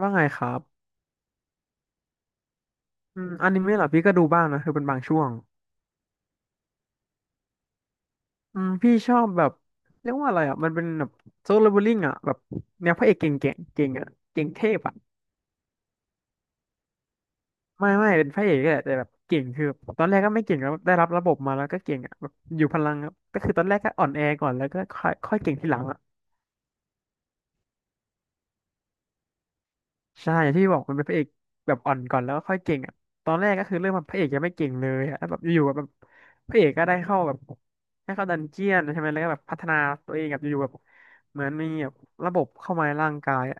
ว่าไงครับอนิเมะเหรอพี่ก็ดูบ้างนะคือเป็นบางช่วงพี่ชอบแบบเรียกว่าอะไรอ่ะมันเป็นแบบโซโลเลเวลลิ่งอ่ะแบบแนวพระเอกเก่งอ่ะเก่งเทพอ่ะไม่เป็นพระเอกก็แหละแต่แบบเก่งคือแบบตอนแรกก็ไม่เก่งแล้วได้รับระบบมาแล้วก็เก่งอ่ะแบบอยู่พลังอะก็คือตอนแรกก็อ่อนแอก่อนแล้วก็ค่อยค่อยเก่งทีหลังอ่ะ ใช่อย่างที่บอกมันเป็นพระเอกแบบอ่อนก่อนแล้วก็ค่อยเก่งอ่ะตอนแรกก็คือเริ่มมาพระเอกยังไม่เก่งเลยอ่ะแล้วแบบอยู่ๆแบบพระเอกก็ได้เข้าแบบได้เข้าดันเจียนใช่ไหมแล้วก็แบบพัฒนาตัวเองแบบอยู่ๆแบบเหมือนมีแบบระบบเข้ามาในร่างกายอะ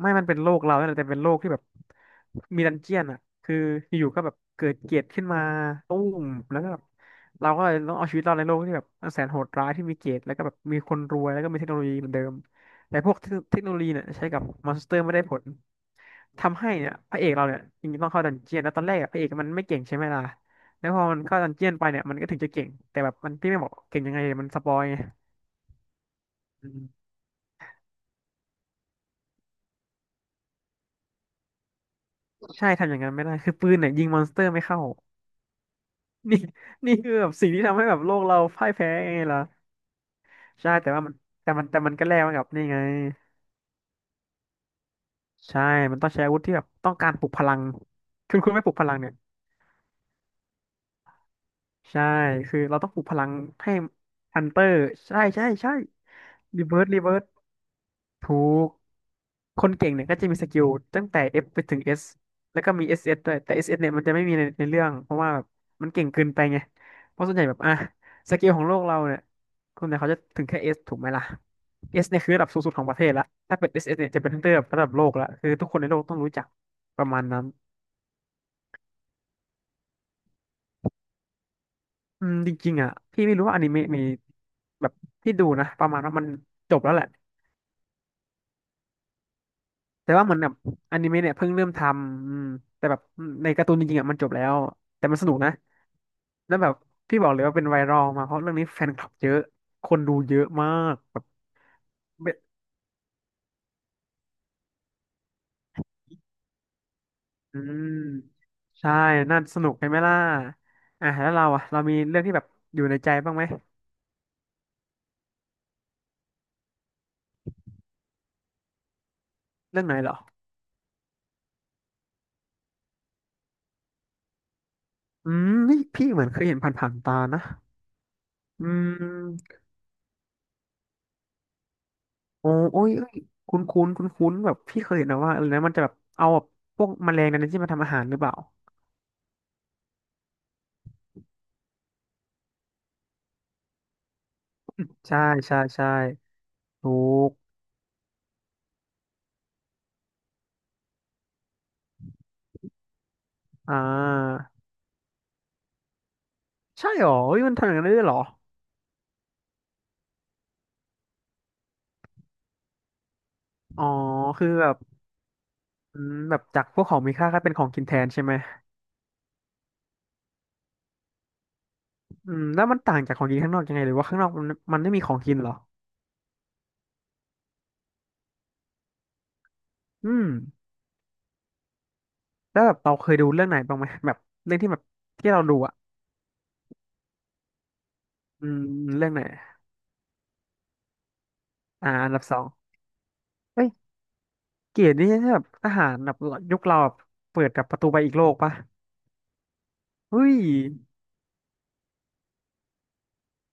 ไม่มันเป็นโลกเราเนี่ยแหละแต่เป็นโลกที่แบบมีดันเจียนอ่ะคืออยู่ๆก็แบบเกิดเกลียดขึ้นมาตุ้มแล้วก็แบบเราก็เลยต้องเอาชีวิตรอดในโลกที่แบบนแสนโหดร้ายที่มีเกลียดแล้วก็แบบมีคนรวยแล้วก็มีเทคโนโลยีเหมือนเดิมแต่พวกเทคโนโลยีเนี่ยใช้กับมอนสเตอร์ไม่ได้ผลทำให้เนี่ยพระเอกเราเนี่ยจริงๆต้องเข้าดันเจียนแล้วตอนแรกอะพระเอกมันไม่เก่งใช่ไหมล่ะแล้วพอมันเข้าดันเจียนไปเนี่ยมันก็ถึงจะเก่งแต่แบบมันพี่ไม่บอกเก่งยังไงมันสปอยไงอืมใช่ทำอย่างนั้นไม่ได้คือปืนเนี่ยยิงมอนสเตอร์ไม่เข้า นี่ นี่คือแบบสิ่งที่ทำให้แบบโลกเราพ่ายแพ้ไงล่ะใช่แต่ว่ามันแต่มันก็แลกมากับนี่ไงใช่ มันต้องใช้อาวุธที่แบบต้องการปลุกพลังคุณไม่ปลุกพลังเนี่ยใช่คือเราต้องปลุกพลังให้ฮันเตอร์ใช่รีเวิร์สถูก คนเก่งเนี่ยก็จะมีสกิลตั้งแต่ F ไปถึง S แล้วก็มี SS ด้วยแต่ SS เอสเนี่ยมันจะไม่มีในเรื่อง เพราะว่าแบบมันเก่งเกินไปไง เพราะส่วนใหญ่แบบอ่ะสกิลของโลกเราเนี่ยคนเนี่ยเขาจะถึงแค่ S ถูกไหมล่ะ S เนี่ยคือระดับสูงสุดของประเทศละถ้าเป็น SS เอสเนี่ยจะเป็นระดับโลกละคือทุกคนในโลกต้องรู้จักประมาณนั้นอืมจริงๆอ่ะพี่ไม่รู้ว่าอนิเมะมีแบบพี่ดูนะประมาณว่ามันจบแล้วแหละแต่ว่าเหมือนแบบอนิเมะเนี่ยเพิ่งเริ่มทำอืมแต่แบบในการ์ตูนจริงๆอ่ะมันจบแล้วแต่มันสนุกนะ แล้วแบบพี่บอกเลยว่าเป็นไวรัลมาเพราะเรื่องนี้แฟนคลับเยอะคนดูเยอะมากแบบเบอืมใช่น่าสนุกใช่ไหมล่ะอ่ะแล้วเราอ่ะเรามีเรื่องที่แบบอยู่ในใจบ้างไหมเรื่องไหนเหรออืมนี่พี่เหมือนเคยเห็นผ่านๆตานะอืมโอ้โอ้ยเอ้ยคุ้นคุ้นคุ้นคุ้นๆแบบพี่เคยเห็นนะว่าอะไรนะมันจะแบบเอาแบบพวกแมลงในนั้นที่มาทำอาหารหรือเปล่าใช่ใช่ถูกอ่าใช่หรอเฮ้ยมันทำอย่างนั้นได้ด้วยเหรออ๋อคือแบบ อืมแบบจากพวกของมีค่าก็เป็นของกินแทนใช่ไหมอืมแล้วมันต่างจากของกินข้างนอกยังไงหรือว่าข้างนอกมันไม่มีของกินเหรออืมแล้วแบบเราเคยดูเรื่องไหนบ้างไหมแบบเรื่องที่แบบที่เราดูอ่ะอืมเรื่องไหนอ่าอันดับสองเฮ้ยเกรดนี่ใช่แบบทหารแบบยุคเราแบบเปิดกับประตูไปอีกโลกปะเฮ้ย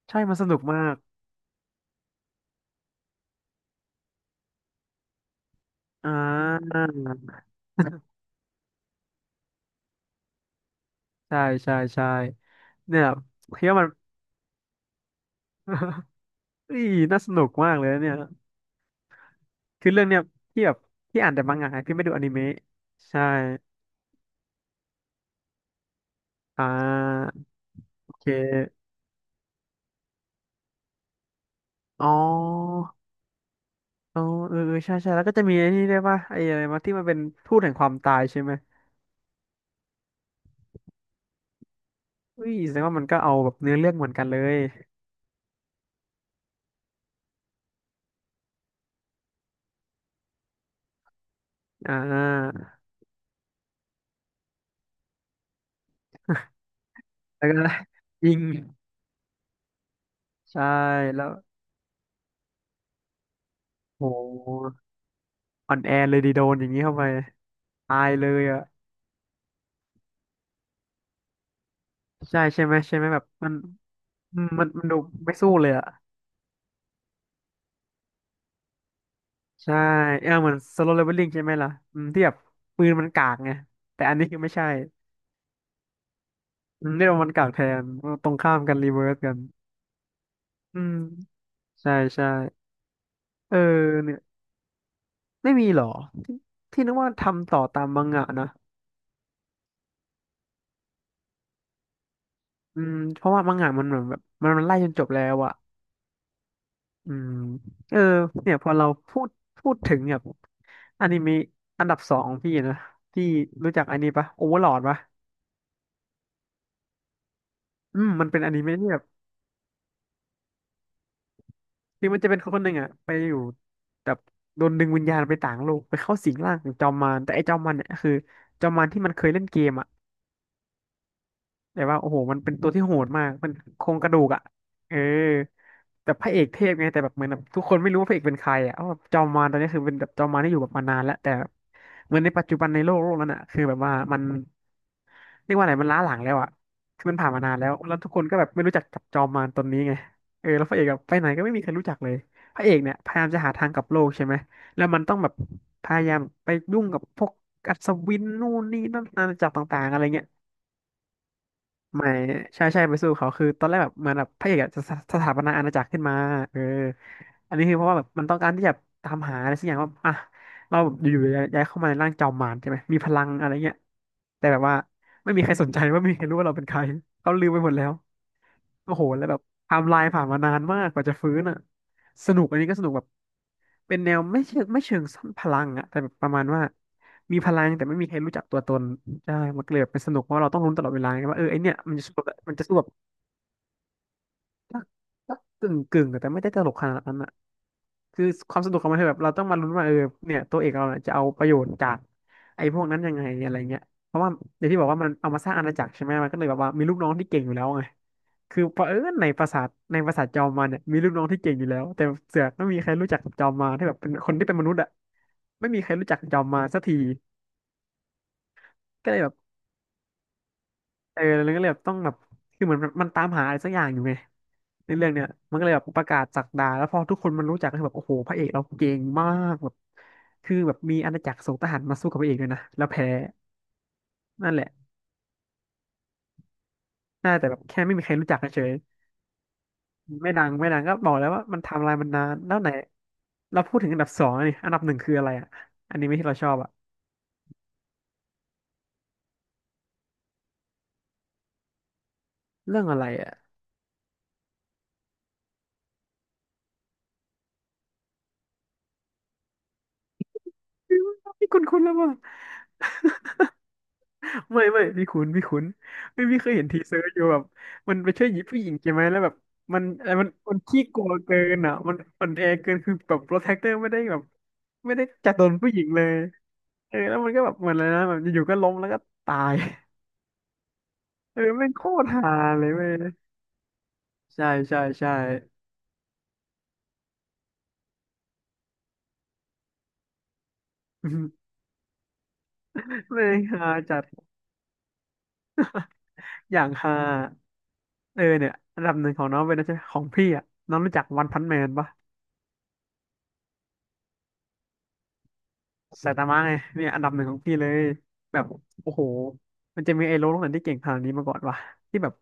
ใช่มันสนุกมากอ่าใช่ใช่เนี่ยคิดว่ามัน เฮ้ยน่าสนุกมากเลยนะเนี่ยคือเรื่องเนี้ยที่แบบที่อ่านแต่มังงะพี่ไม่ดูอนิเมะใช่ อ่าโอเคอ๋ออ๋อเออเออใช่แล้วก็จะมีไอ้นี่ด้วยป่ะไอ้อะไรมาที่มันเป็นทูตแห่งความตายใช่ไหมอุ้ยแสดงว่ามันก็เอาแบบเนื้อเรื่องเหมือนกันเลยอ่าแล้วก็ ยิงใช่แล้วโหอ่อนแอเลยดีโดนอย่างนี้เข้าไปตายเลยอ่ะใช่ใช่ไหมใช่ไหมแบบมันอืมมันดูไม่สู้เลยอ่ะใช่เออเหมือนโซโลเลเวลลิ่งใช่ไหมล่ะอืมที่แบบปืนมันกากไงแต่อันนี้คือไม่ใช่อืมนี่เรามันกากแทนตรงข้ามกันรีเวิร์สกัน อืมใช่ใช่เออเนี่ยไม่มีหรอที่นึกว่าทำต่อตามมังงะนะอืมเพราะว่ามังงะมันเหมือนแบบมันไล่จนจบแล้วอะอืมเออเนี่ยพอเราพูดถึงแบบอนิเมะอันดับสองของพี่นะพี่รู้จักอันนี้ปะโอเวอร์ลอดปะอืมมันเป็นอนิเมะที่แบบคือมันจะเป็นคนคนหนึ่งอะไปอยู่แบบโดนดึงวิญญาณไปต่างโลกไปเข้าสิงร่างของจอมมารแต่ไอ้จอมมารเนี่ยคือจอมมารที่มันเคยเล่นเกมอะ แต่ว่าโอ้โหมันเป็นตัวที่โหดมากมันโครงกระดูกอ่ะเออแต่พระเอกเทพไงแต่แบบเหมือนแบบทุกคนไม่รู้ว่าพระเอกเป็นใครอ่ะเพราะว่าจอมมารตอนนี้คือเป็นแบบจอมมารที่อยู่แบบมานานแล้วแต่เหมือนในปัจจุบันในโลกนั้นอ่ะคือแบบว่ามันเรียกว่าอะไรมันล้าหลังแล้วอ่ะคือมันผ่านมานานแล้วแล้วทุกคนก็แบบไม่รู้จักจับจอมมารตนนี้ไงเออแล้วพระเอกแบบไปไหนก็ไม่มีใครรู้จักเลยพระเอกเนี่ยพยายามจะหาทางกลับโลกใช่ไหมแล้วมันต้องแบบพยายามไปยุ่งกับพวกอัศวินนู่นนี่นั่นอาณาจักรต่างๆอะไรเงี้ย ไม่ใช่ใช่ไปสู้เขาคือตอนแรกแบบเหมือนแบบพระเอกอะจะสสถาปนาอาณาจักรขึ้นมาเอออันนี้คือเพราะว่าแบบมันต้องการที่จะตามหาอะไรสักอย่างว่าอ่ะเราแบบอยู่ๆย้ายเข้ามาในร่างจอมมารใช่ไหมมีพลังอะไรเงี้ยแต่แบบว่าไม่มีใครสนใจว่าไม่มีใครรู้ว่าเราเป็นใครเขาลืมไปหมดแล้วโอ้โหแล้วแบบไทม์ไลน์ผ่านมานานมากกว่าจะฟื้นอ่ะสนุกอันนี้ก็สนุกแบบเป็นแนวไม่เชิงซ่อนพลังอ่ะแต่แบบประมาณว่ามีพลังแต่ไม่มีใครรู้จักตัวตน ใช่มันก็เลยแบบเป็นสนุกเพราะเราต้องลุ้นตลอดเวลาไงว่าเออไอเนี่ยมันจะสู้แบบกักกึ่งกึ่งๆแต่ไม่ได้ตลกขนาดนั้นอ่ะคือความสนุกของมันคือแบบเราต้องมาลุ้นว่าเออเนี่ยตัวเอกเราเนี่ยจะเอาประโยชน์จากไอ้พวกนั้นยังไงอะไรเงี้ยเพราะว่าอย่างที่บอกว่ามันเอามาสร้างอาณาจักรใช่ไหมมันก็เลยแบบว่ามีลูกน้องที่เก่งอยู่แล้วไงคือเผอิญในปราสาทจอมมารเนี่ยมีลูกน้องที่เก่งอยู่แล้วแต่เสือกไม่มีใครรู้จักจอมมารที่แบบเป็นคนที่เป็นมนุษย์อ่ะไม่มีใครรู้จักจอมมารสักทีก็เลยแบบเออแล้วก็เลยแบบต้องแบบคือเหมือนมันตามหาอะไรสักอย่างอยู่ไง ในเรื่องเนี้ยมันก็เลยแบบประกาศศักดาแล้วพอทุกคนมันรู้จักก็คือแบบโอ้โหพระเอกเราเก่งมากแบบคือแบบมีอาณาจักรส่งทหารมาสู้กับพระเอกด้วยนะแล้วแพ้นั่นแหละน่าแต่แบบแค่ไม่มีใครรู้จักเฉยไม่ดังก็บอกแล้วว่ามันไทำลายมันนานแล้วไหนเราพูดถึงอันดับสองนี่อันดับหนึ่งคืออะไรอ่ะอันนี้ไม่ที่เราชอบอ่ะเรื่องอะไรอ่ะ ไม่คุณแล้วมั้ ไม่ไม่พี่คุ้นไม่พี่เคยเห็นทีเซอร์อยู่แบบมันไปช่วยหญิงผู้หญิงใช่ไหมแล้วแบบมันอะไรมันมันขี้กลัวเกินอ่ะมันอ่อนแอเกินคือแบบโปรเทคเตอร์ไม่ได้แบบไม่ได้จัดโดนผู้หญิงเลยเออแล้วมันก็แบบเหมือนอะไรนะแบบอยู่ๆก็ล้มแล้วก็ตายเออแม่งโคตรฮาเลยเว้ยใช่ใช่ใช่ แม่งฮาจัดอย่างฮาเออเนี่ยอันดับหนึ่งของน้องเป็นนะใช่ของพี่อ่ะน้องรู้จักวันพันแมนปะ ไซตามะไงเนี่ยอันดับหนึ่งของพี่เลยแบบโอ้โหมันจะมีไอ้โลกไหนที่เก่งขนาดนี้มาก่อนวะที่แบบ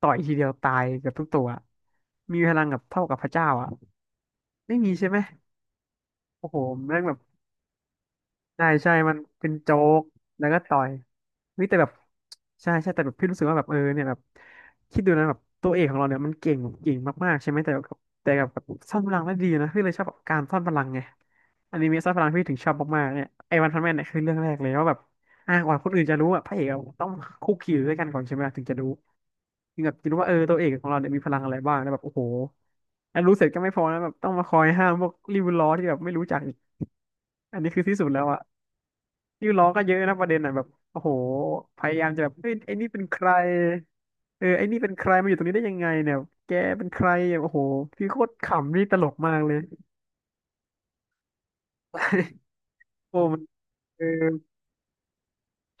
ต่อยทีเดียวตายเกือบทุกตัวมีพลังกับเท่ากับพระเจ้าอ่ะไม่มีใช่ไหมโอ้โหแม่งแบบ ใช่ใช่มันเป็นโจ๊กแล้วก็ต่อยเฮ้ยแต่แบบใช่ใช่แต่แบบพี่รู้สึกว่าแบบเออเนี่ยแบบคิดดูนะแบบตัวเอกของเราเนี่ยมันเก่งมากๆใช่ไหมแต่กับแบบซ่อนพลังได้ดีนะพี่เลยชอบแบบการซ่อนพลังไงอนิเมะซ่อนพลังพี่ถึงชอบมากๆเนี่ยไอ้วันพันแมนเนี่ยคือเรื่องแรกเลยว่าแบบอ่ากว่าคนอื่นจะรู้อ่ะพระเอกอะต้องคุกคีอยู่ด้วยกันก่อนใช่ไหมถึงจะรู้ถึงแบบจะรู้ว่าเออตัวเอกของเราเนี่ยมีพลังอะไรบ้างแล้วแบบโอ้โหแล้วรู้เสร็จก็ไม่พอนะแบบต้องมาคอยห้ามพวกริวล้อที่แบบไม่รู้จักอีกอันนี้คือที่สุดแล้วอะ ชื่อล้อก็เยอะนะประเด็นอ่ะแบบโอ้โหพยายามจะแบบเฮ้ยไอ้นี่เป็นใครเออไอ้นี่เป็นใครมาอยู่ตรงนี้ได้ยังไงเนี่ยแกเป็นใครอ่ะโอ้โหพี่โคตรขำนี่ตลกมากเลยโอ้มันเออ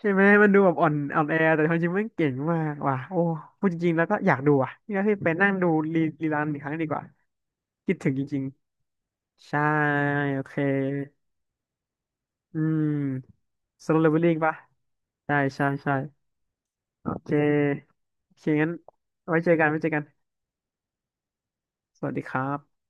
ใช่ไหมมันดูแบบอ่อนแอแต่ความจริงมันเก่งมากว่ะโอ้พูดจริงๆแล้วก็อยากดูอ่ะนี่ก็คือไปนั่งดูรีรันอีกครั้งดีกว่าคิดถึงจริงๆใช่โอเคอืมสโลว์เลเวลลิ่งปะใช่ใช่ใช่โอเคโอเคงั้นไว้เจอกันสวัสดีครับ